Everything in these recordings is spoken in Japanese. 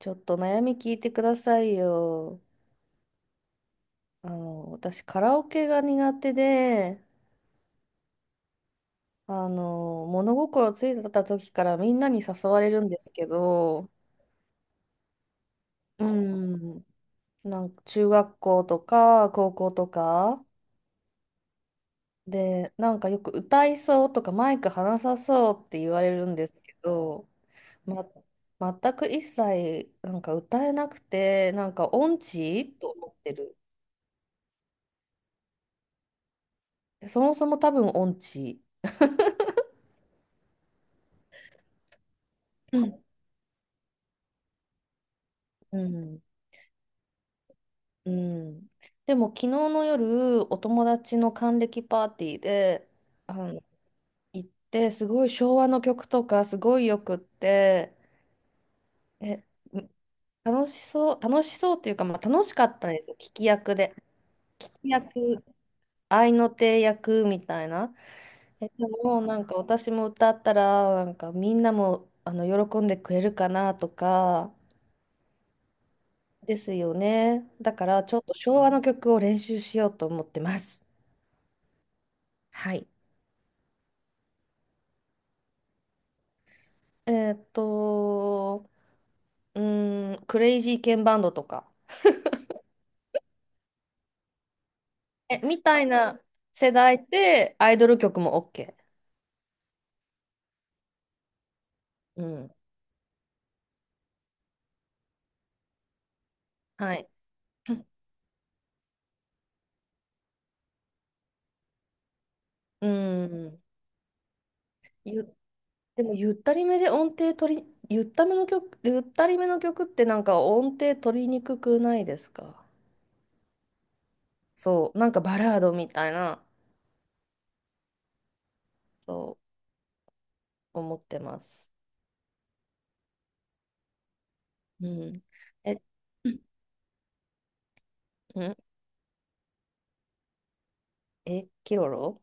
ちょっと悩み聞いてくださいよ。私カラオケが苦手で、物心ついた時からみんなに誘われるんですけど、うん、なんか中学校とか高校とかで、なんかよく歌いそうとかマイク離さそうって言われるんですけど、ま、全く一切なんか歌えなくて、なんか音痴と思ってる。そもそも多分音痴。うん。うんうん。でも昨日の夜、お友達の還暦パーティーで、あの、行って、すごい昭和の曲とかすごいよくって、え、うん、楽しそう、楽しそうっていうか、まあ、楽しかったんですよ、聞き役で。聞き役、合いの手役みたいな。え、でもなんか私も歌ったら、なんかみんなも喜んでくれるかなとか、ですよね。だからちょっと昭和の曲を練習しようと思ってます。はい。えーっと、うーん、クレイジーケンバンドとか。え、みたいな世代でアイドル曲も OK。うん。はい。うん。ゆ、でも、ゆったりめで音程取り、ゆっための曲、ゆったりめの曲ってなんか音程取りにくくないですか？そう、なんかバラードみたいな、そう思ってます。うん。え、うん、え、キロロ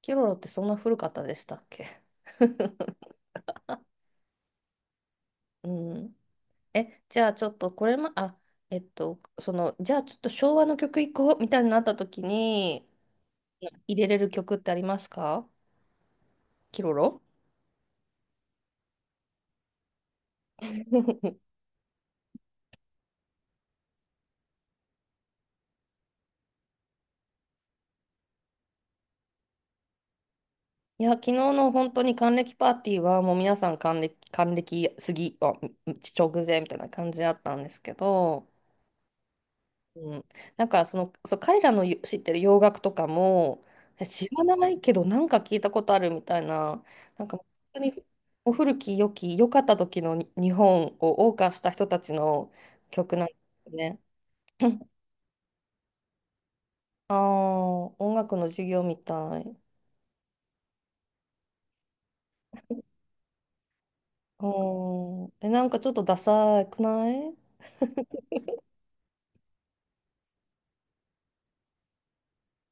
キロロってそんな古かったでしたっけ？ うん。え、じゃあちょっとこれも、あ、じゃあちょっと昭和の曲いこうみたいになった時に入れれる曲ってありますか？キロロ。いや、昨日の本当に還暦パーティーはもう皆さん還暦、還暦過ぎ、あ、直前みたいな感じだったんですけど、うん、なんかそう、彼らのよ知ってる洋楽とかも、え知らないけどなんか聞いたことあるみたいな、なんか本当にもう古き良き良かった時のに日本を謳歌した人たちの曲なんですね。ああ、音楽の授業みたい。うん、え、なんかちょっとダサくない？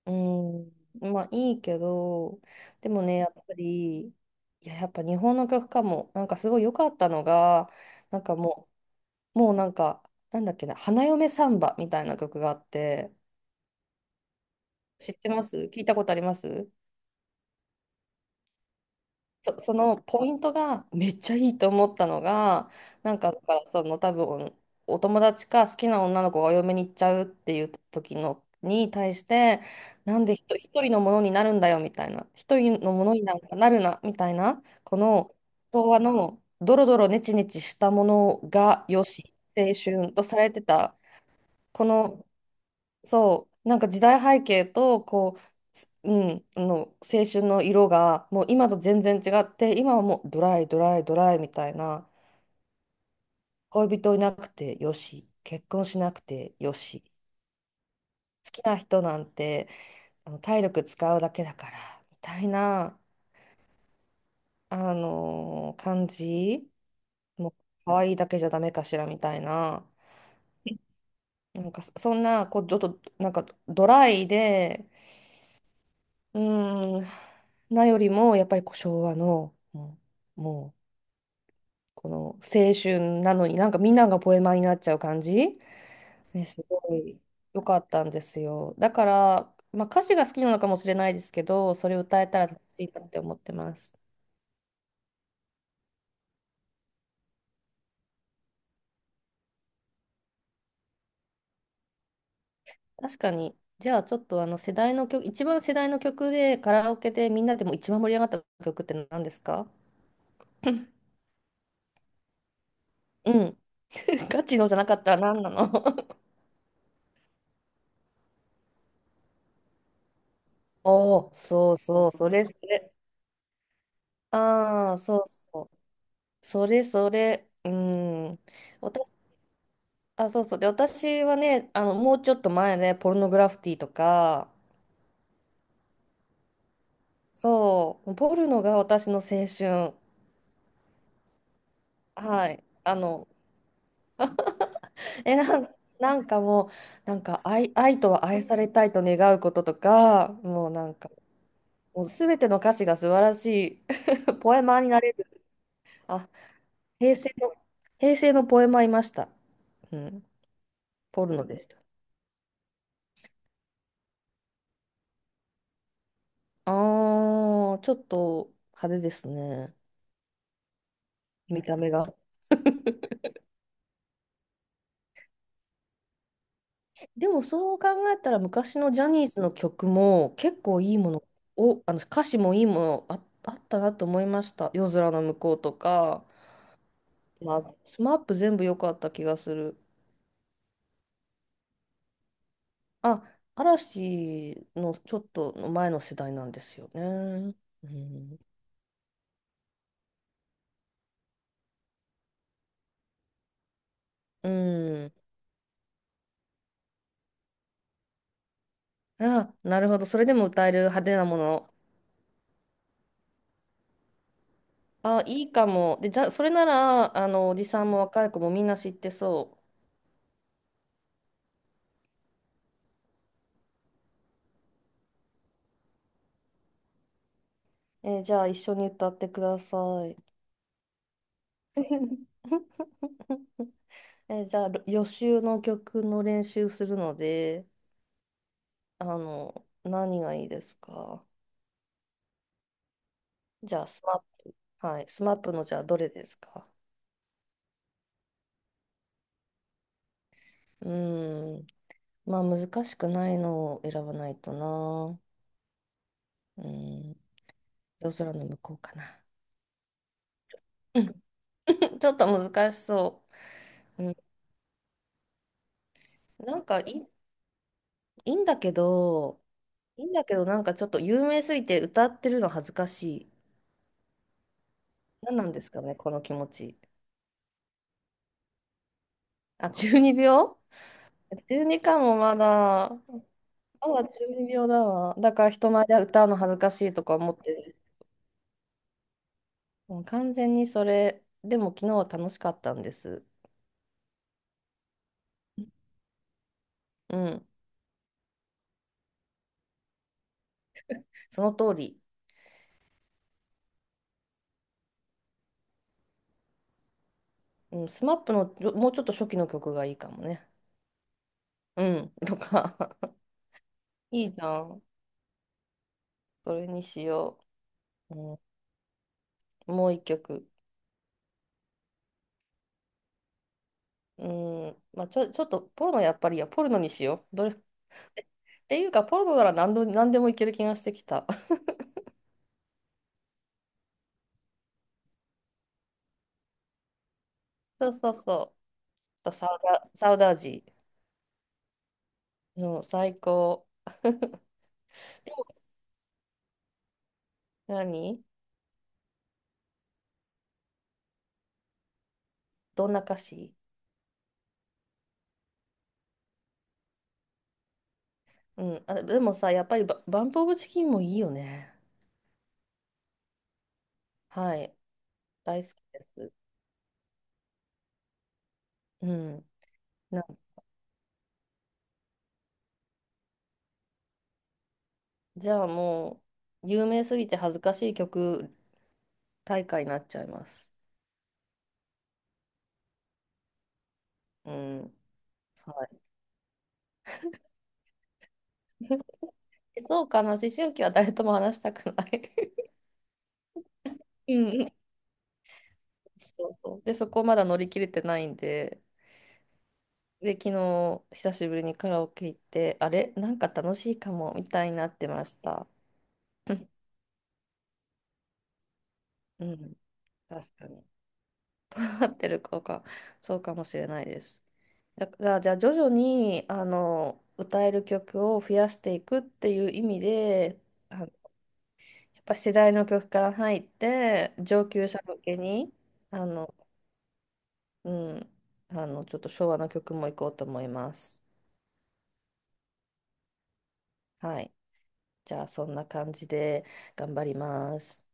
うん、まあいいけど、でもね、やっぱり、いや、やっぱ日本の曲かも、なんかすごい良かったのが、なんかもうなんか、なんだっけな、花嫁サンバみたいな曲があって、知ってます？聞いたことあります？そのポイントがめっちゃいいと思ったのが、なんか、だから多分、お友達か好きな女の子がお嫁に行っちゃうっていう時のに対して、なんで一人のものになるんだよみたいな、一人のものになんかなるなみたいな、この昭和のドロドロネチネチしたものがよし、青春とされてた、この、そう、なんか時代背景とこう、すうん、あの青春の色がもう今と全然違って、今はもうドライドライドライみたいな、恋人いなくてよし、結婚しなくてよし、好きな人なんて体力使うだけだからみたいな、あのー感じ、もう可愛いだけじゃダメかしらみたいな、なんかそんなこうちょっとなんかドライで、うーん、よりも、やっぱりこう昭和の、もう、この青春なのに、なんかみんながポエマーになっちゃう感じ、ね、すごい良かったんですよ。だから、まあ、歌詞が好きなのかもしれないですけど、それを歌えたら楽しいなって思ってます。確かに、じゃあちょっとあの世代の曲、一番世代の曲でカラオケでみんなでも一番盛り上がった曲って何ですか？ うん。ガチのじゃなかったら何なの？ おお、そうそう、それそれ。ああ、そうそう。それそれ。うん。私、あ、そうそう。で、私はね、もうちょっと前ね、ポルノグラフィティとか、そう、ポルノが私の青春。はい。え、なんかもう、なんか愛とは愛されたいと願うこととか、もうなんか、もうすべての歌詞が素晴らしい。ポエマーになれる。あ、平成の、平成のポエマーいました。うん。ポルノでした。ああ、ちょっと派手ですね。見た目が。でもそう考えたら昔のジャニーズの曲も結構いいものを、あの歌詞もいいものあったなと思いました。夜空の向こうとか、まあ、スマップ全部良かった気がする。あ、嵐のちょっと前の世代なんですよね。うん。うん。あ、なるほど。それでも歌える派手なもの。あ、いいかも。で、じゃそれなら、おじさんも若い子もみんな知ってそう。えーじゃあ、一緒に歌ってください。えーじゃあ、予習の曲の練習するので、何がいいですか？じゃあ、スマップ、はい、スマップの、じゃあ、どれですか？うーん、まあ、難しくないのを選ばないとな。うーん、夜空の向こうかな。ちょっと難しそう。うん、なんかいい、いいんだけど、いいんだけど、なんかちょっと有名すぎて歌ってるの恥ずかしい。何なんですかね、この気持ち。あ、12秒？ 12 かもまだ。まだ12秒だわ。だから人前で歌うの恥ずかしいとか思ってる。もう完全にそれ。でも昨日は楽しかったんです。うん。その通り。うん、スマップのもうちょっと初期の曲がいいかもね。うん。とか。いいじゃん。それにしよう。うん、もう一曲。うーん、まあ、ちょっとポルノ、やっぱりいや、ポルノにしよう。どれ っていうか、ポルノなら何でもいける気がしてきた。そうそうそう。サウダージの最高。でも、何どんな歌詞？うん。あ、でもさ、やっぱりバンプ・オブ・チキンもいいよね。はい。大好きです。うん。な、じゃあもう、有名すぎて恥ずかしい曲大会になっちゃいます。うん。はい。そうかな、思春期は誰とも話したくない。うんうん。そうそう。で、そこまだ乗り切れてないんで、で、昨日、久しぶりにカラオケ行って、あれなんか楽しいかも、みたいになってました。うん、確かに。合ってるか、そうかもしれないです。だじゃあ、じゃあ徐々に、歌える曲を増やしていくっていう意味で、あのやっぱ世代の曲から入って、上級者向けに、あの、うん、ちょっと昭和の曲も行こうと思います。はい。じゃあそんな感じで頑張ります。